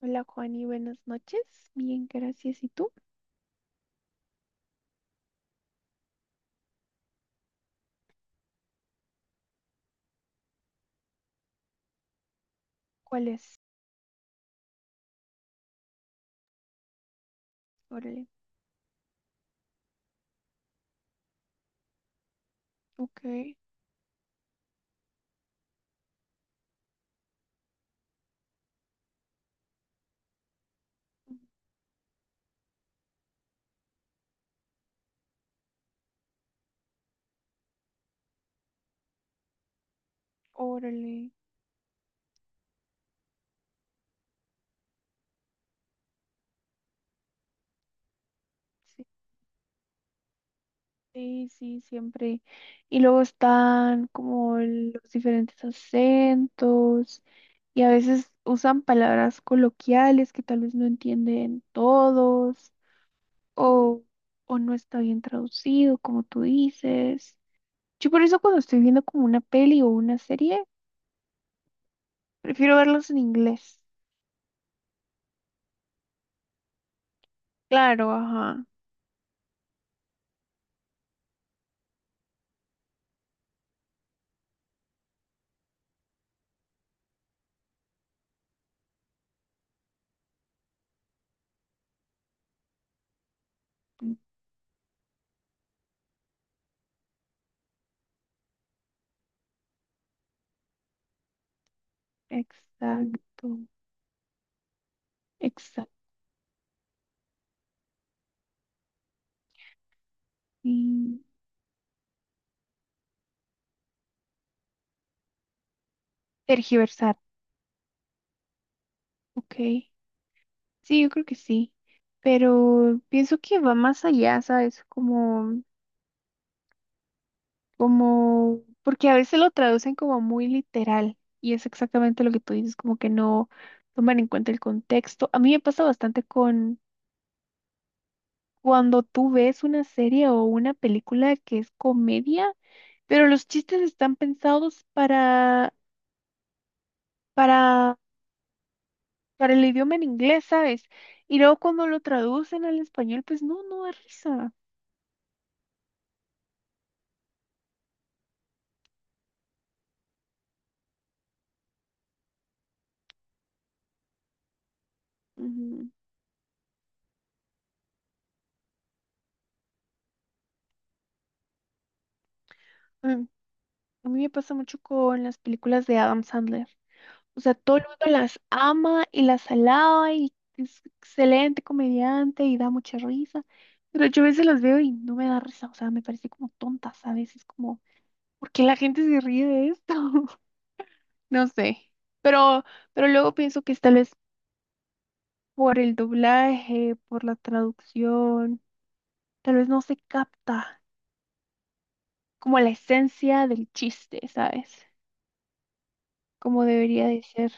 Hola Juani, buenas noches. Bien, gracias. ¿Y tú? ¿Cuál es? Órale. Ok. Órale. Sí, sí, sí, siempre. Y luego están como los diferentes acentos y a veces usan palabras coloquiales que tal vez no entienden todos o, o no está bien traducido, como tú dices. Yo por eso cuando estoy viendo como una peli o una serie, prefiero verlos en inglés. Claro, ajá. Exacto, exacto. y Tergiversar, ok. Sí, yo creo que sí, pero pienso que va más allá, ¿sabes? Como, como, porque a veces lo traducen como muy literal y es exactamente lo que tú dices, como que no toman en cuenta el contexto. A mí me pasa bastante con cuando tú ves una serie o una película que es comedia, pero los chistes están pensados para Para el idioma en inglés, ¿sabes? Y luego cuando lo traducen al español, pues no, no da risa. Ujú. Mm, A mí me pasa mucho con las películas de Adam Sandler. O sea, todo el mundo las ama y las alaba y es excelente comediante y da mucha risa. Pero yo a veces las veo y no me da risa. O sea, me parece como tontas a veces, como, ¿por qué la gente se ríe de esto? No sé. Pero, pero luego pienso que es tal vez por el doblaje, por la traducción tal vez no se capta como la esencia del chiste, ¿sabes? Como debería de ser.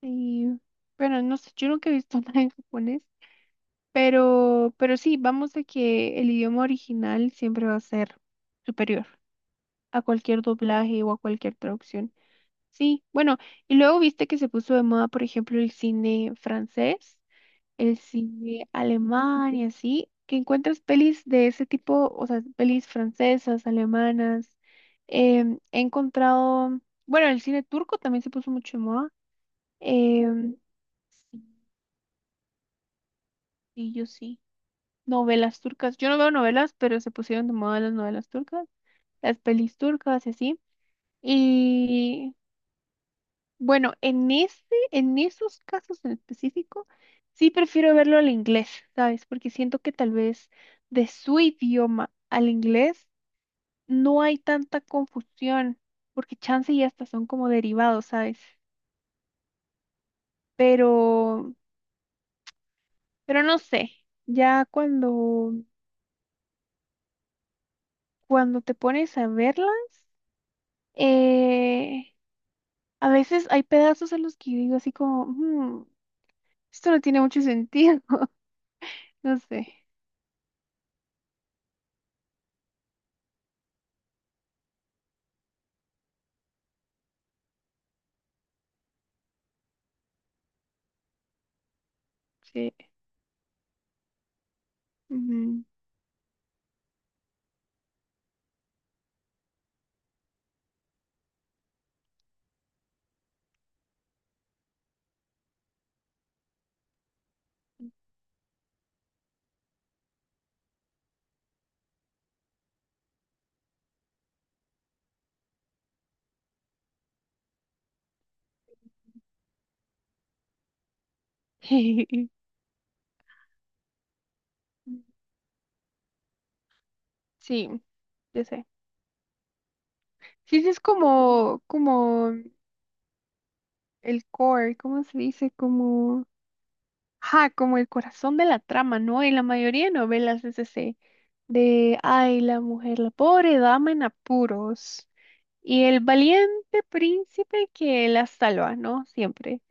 Y bueno, no sé, yo nunca he visto nada en japonés, pero sí, vamos a que el idioma original siempre va a ser superior a cualquier doblaje o a cualquier traducción. Sí, bueno, y luego viste que se puso de moda, por ejemplo, el cine francés, el cine alemán y así, que encuentras pelis de ese tipo, o sea, pelis francesas, alemanas. He encontrado, bueno, el cine turco también se puso mucho en moda. Em, sí, sí, yo sí. Novelas turcas. Yo no veo novelas, pero se pusieron de moda las novelas turcas, las pelis turcas y así. Y Bueno, en ese, en esos casos en específico, sí prefiero verlo al inglés, ¿sabes? Porque siento que tal vez de su idioma al inglés no hay tanta confusión, porque chance y hasta son como derivados, ¿sabes? Pero, pero no sé, ya cuando, cuando te pones a verlas, eh, a veces hay pedazos en los que yo digo así como, "Mm, esto no tiene mucho sentido", no sé, sí. Ujú. Sí, ya sé. Sí, sí, es como, como el core, ¿cómo se dice? Como, ajá, como el corazón de la trama, ¿no? Y la mayoría de novelas es ese, de, ay, la mujer, la pobre dama en apuros, y el valiente príncipe que la salva, ¿no? Siempre.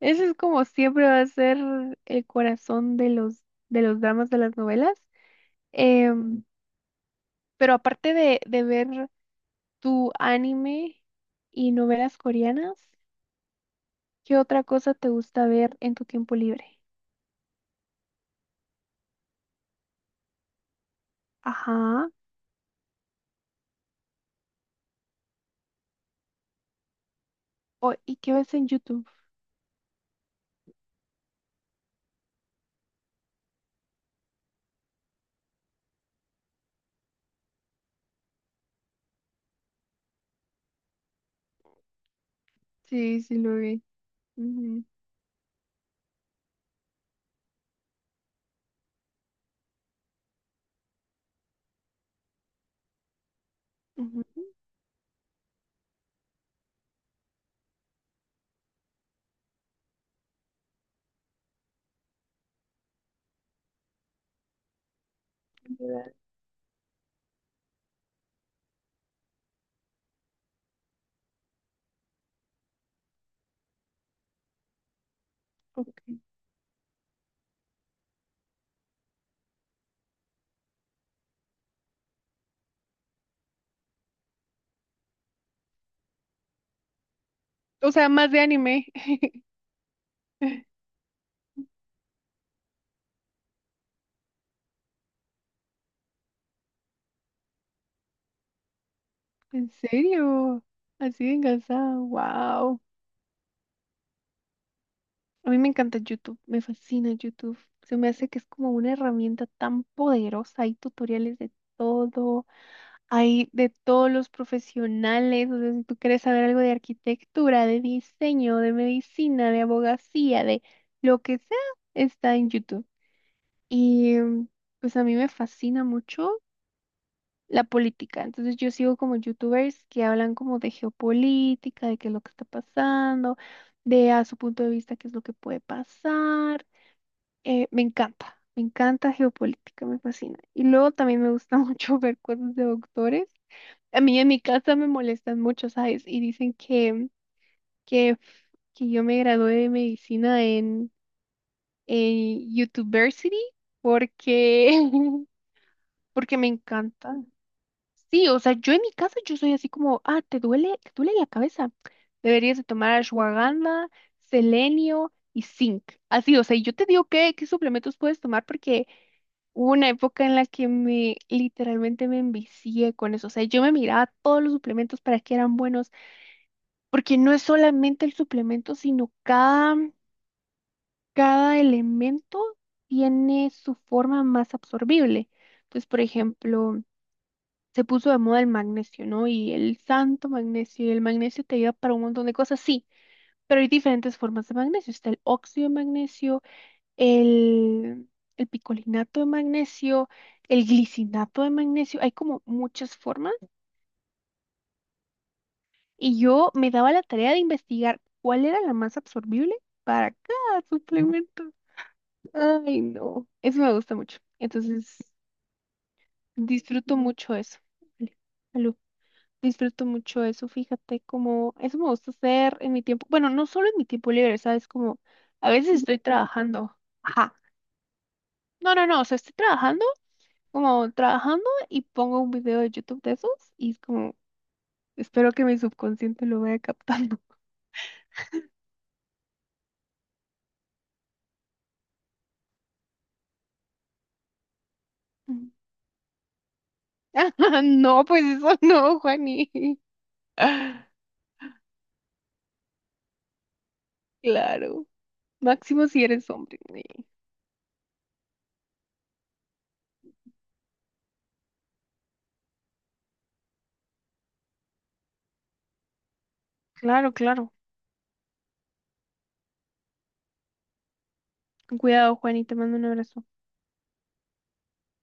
Ese es como siempre va a ser el corazón de los dramas de las novelas. Em, pero aparte de ver tu anime y novelas coreanas, ¿qué otra cosa te gusta ver en tu tiempo libre? Ajá. O- ¿y qué ves en YouTube? Sí, sí lo vi. Ujú. Ujú, ¿verdad? Ok. O sea, más de anime. ¿En serio? Así de enganchada. Wow. A mí me encanta YouTube. Me fascina YouTube. Se me hace que es como una herramienta tan poderosa. Hay tutoriales de todo. Hay de todos los profesionales, o sea, si tú quieres saber algo de arquitectura, de diseño, de medicina, de abogacía, de lo que sea, está en YouTube. Y mm, pues a mí me fascina mucho la política. Entonces yo sigo como youtubers que hablan como de geopolítica, de qué es lo que está pasando, de a su punto de vista qué es lo que puede pasar. Me encanta geopolítica, me fascina. Y luego también me gusta mucho ver cosas de doctores. A mí en mi casa me molestan mucho, ¿sabes? Y dicen que, que yo me gradué de medicina en YouTubersity porque, porque me encanta. Sí, o sea, yo en mi casa yo soy así como, ah, ¿te duele? ¿Te duele la cabeza? Deberías de tomar ashwagandha, selenio y zinc. Así, o sea, y yo te digo qué, qué suplementos puedes tomar porque hubo una época en la que me literalmente me envicié con eso. O sea, yo me miraba todos los suplementos para que eran buenos porque no es solamente el suplemento, sino cada, cada elemento tiene su forma más absorbible. Entonces, por ejemplo, se puso de moda el magnesio, ¿no? Y el santo magnesio, y el magnesio te ayuda para un montón de cosas, sí, pero hay diferentes formas de magnesio. Está el óxido de magnesio, el, el picolinato de magnesio, el glicinato de magnesio, hay como muchas formas. Y yo me daba la tarea de investigar cuál era la más absorbible para cada suplemento. Ay, no. Eso me gusta mucho. Entonces, disfruto mucho eso. Vale. Aló. Disfruto mucho eso. Fíjate cómo eso me gusta hacer en mi tiempo. Bueno, no solo en mi tiempo libre, ¿sabes? Como a veces estoy trabajando. Ajá. No, no, no. O sea, estoy trabajando, como trabajando y pongo un video de YouTube de esos y es como, espero que mi subconsciente lo vaya captando. No, pues eso no, Juani. Claro. Máximo si eres hombre. Claro, claro. Con cuidado, Juan, te mando un abrazo.